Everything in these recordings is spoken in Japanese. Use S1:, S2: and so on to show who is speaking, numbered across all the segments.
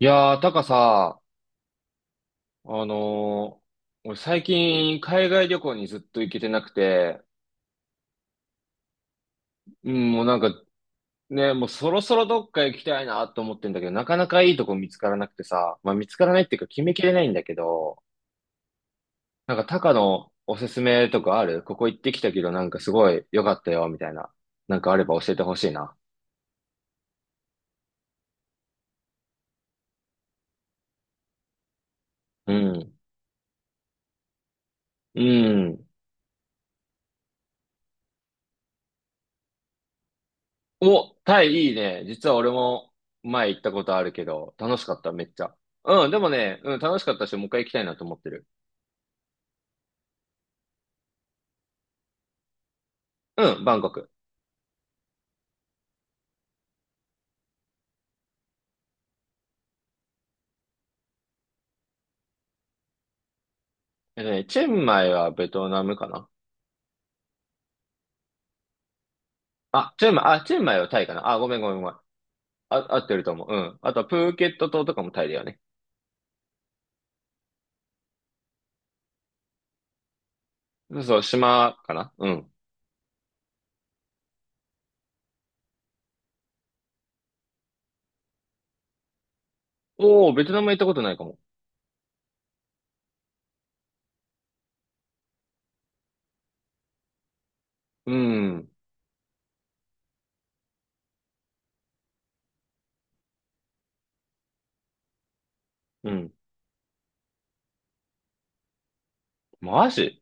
S1: いやー、タカさ、あのー俺最近海外旅行にずっと行けてなくて、うん、もうなんかね、もうそろそろどっか行きたいなと思ってんだけど、なかなかいいとこ見つからなくてさ、まあ見つからないっていうか決めきれないんだけど、なんかタカのおすすめとかある？ここ行ってきたけどなんかすごい良かったよ、みたいな。なんかあれば教えてほしいな。うん。うん。お、タイいいね。実は俺も前行ったことあるけど、楽しかった、めっちゃ。うん、でもね、楽しかったし、もう一回行きたいなと思ってる。うん、バンコク。えっとね、チェンマイはベトナムかな？あ、チェンマイ、あ、チェンマイはタイかなあ、ごめん。あ、合ってると思う。うん。あとはプーケット島とかもタイだよね。そうそう、島かな、うん。おー、ベトナム行ったことないかも。うん、うん。マジ？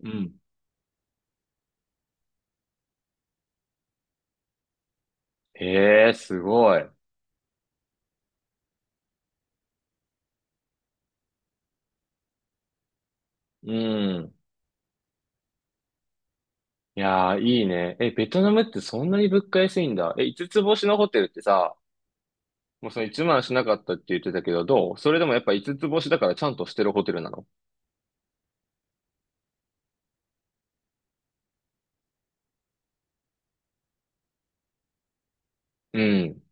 S1: うん。へえ、すごい。うん。いやー、いいね。え、ベトナムってそんなに物価安いんだ。え、五つ星のホテルってさ、もうその1万しなかったって言ってたけど、どう？それでもやっぱ五つ星だからちゃんとしてるホテルなの？うん。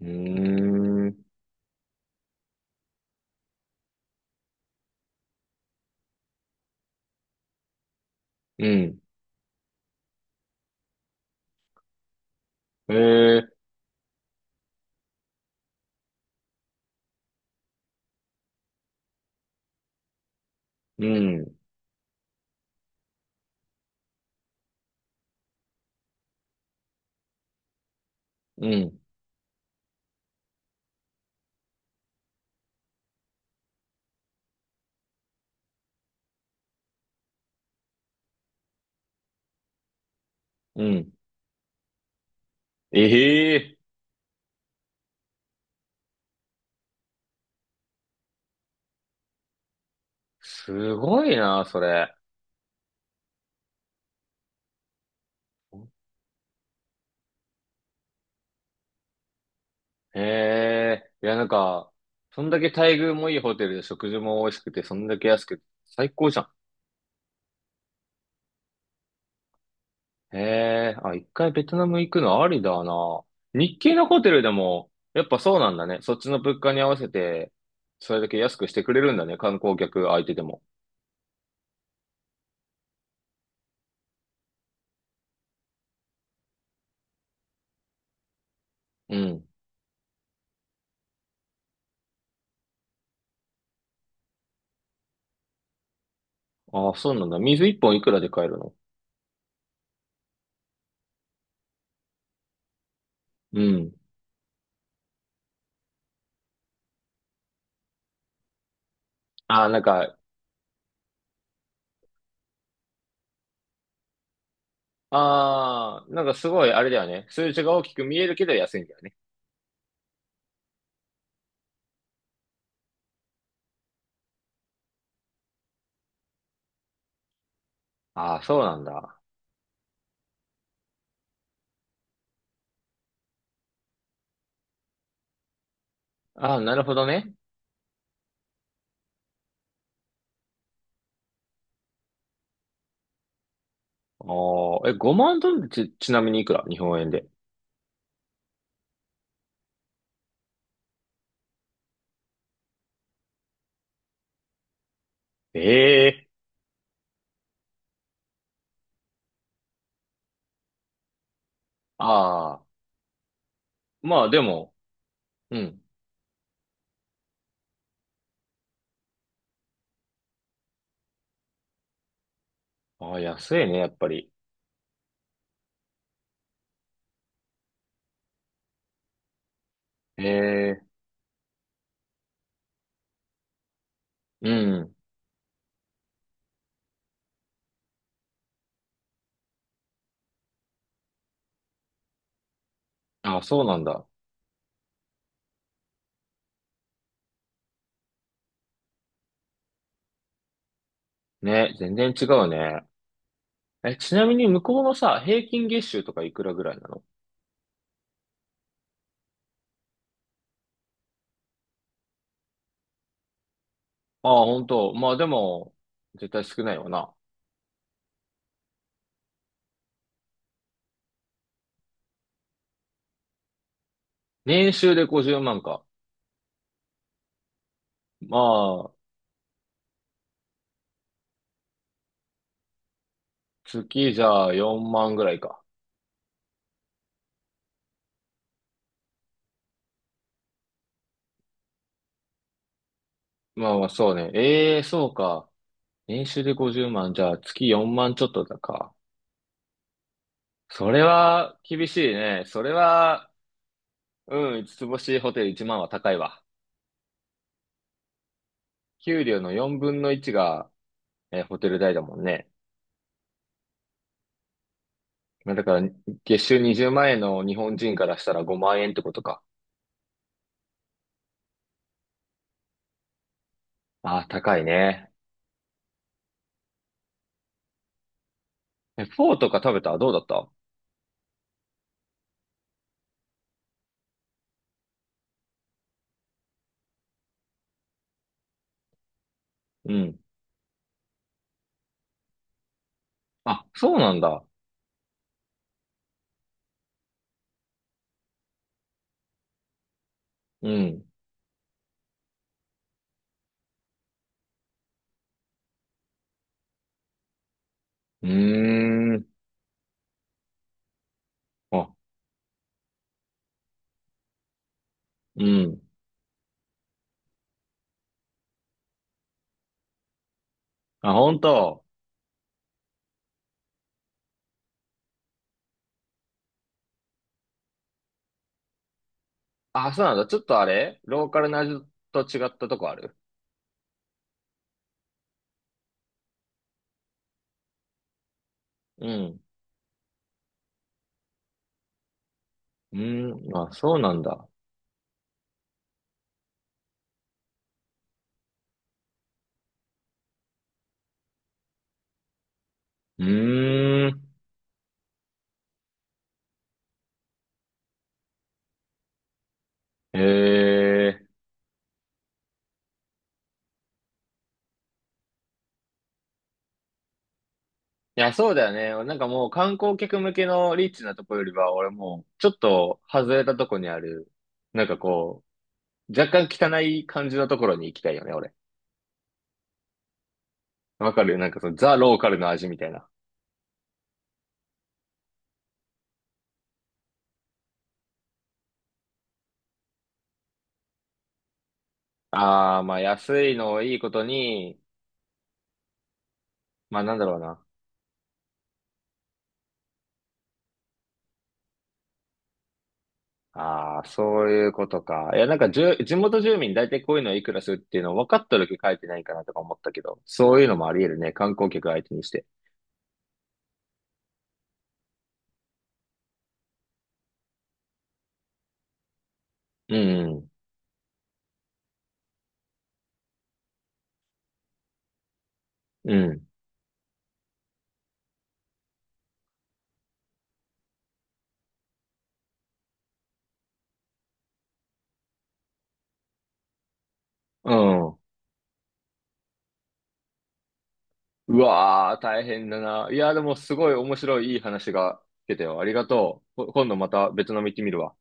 S1: うーん。うん。えー、うん。うん。うん。ええー、すごいな、それ。ええー、いや、なんか、そんだけ待遇もいいホテルで食事も美味しくて、そんだけ安くて、最高じゃん。ええ、あ、一回ベトナム行くのありだな。日系のホテルでも、やっぱそうなんだね。そっちの物価に合わせて、それだけ安くしてくれるんだね。観光客相手でも。うん。あ、そうなんだ。水一本いくらで買えるの？うん。あ、なんか、ああ、なんかすごいあれだよね。数字が大きく見えるけど安いんだよね。ああ、そうなんだ。ああ、なるほどね。ああ、え、5万ドルってち、ちなみにいくら日本円で？ええ、ああ、まあでも、うん。ああ、安いね、やっぱり。ええ、うん。あ、そうなんだ。ね、全然違うね。え、ちなみに向こうのさ、平均月収とかいくらぐらいなの？ああ、ほ、まあでも、絶対少ないわな。年収で50万か。まあ、月じゃあ4万ぐらいか。まあまあ、そうね。ええ、そうか。年収で50万、じゃあ月4万ちょっとだか。それは厳しいね。それは、うん、五つ星ホテル1万は高いわ。給料の4分の1が、ホテル代だもんね。まあだから、月収20万円の日本人からしたら5万円ってことか。ああ、高いね。え、フォーとか食べた？どうだった？うん。あ、そうなんだ。うん。うーん。あ、うん。あ、本当？あ、そうなんだ。ちょっとあれ、ローカルな味と違ったとこある？うん。うーん。あ、そうなんだ。うーん。へえ。いや、そうだよね。なんかもう観光客向けのリッチなとこよりは、俺もう、ちょっと外れたとこにある、なんかこう、若干汚い感じのところに行きたいよね、俺。わかる、なんかそのザ・ローカルの味みたいな。ああ、まあ安いのをいいことに、まあなんだろうな。ああ、そういうことか。いや、なんかじゅ、地元住民大体こういうのいくらするっていうのを分かった時書いてないかなとか思ったけど、そういうのもあり得るね。観光客相手にして。うん、うん、うん。うん、うわー、大変だな。いや、でもすごい面白いいい話が聞けたよ。ありがとう。こ、今度また別の見てみるわ。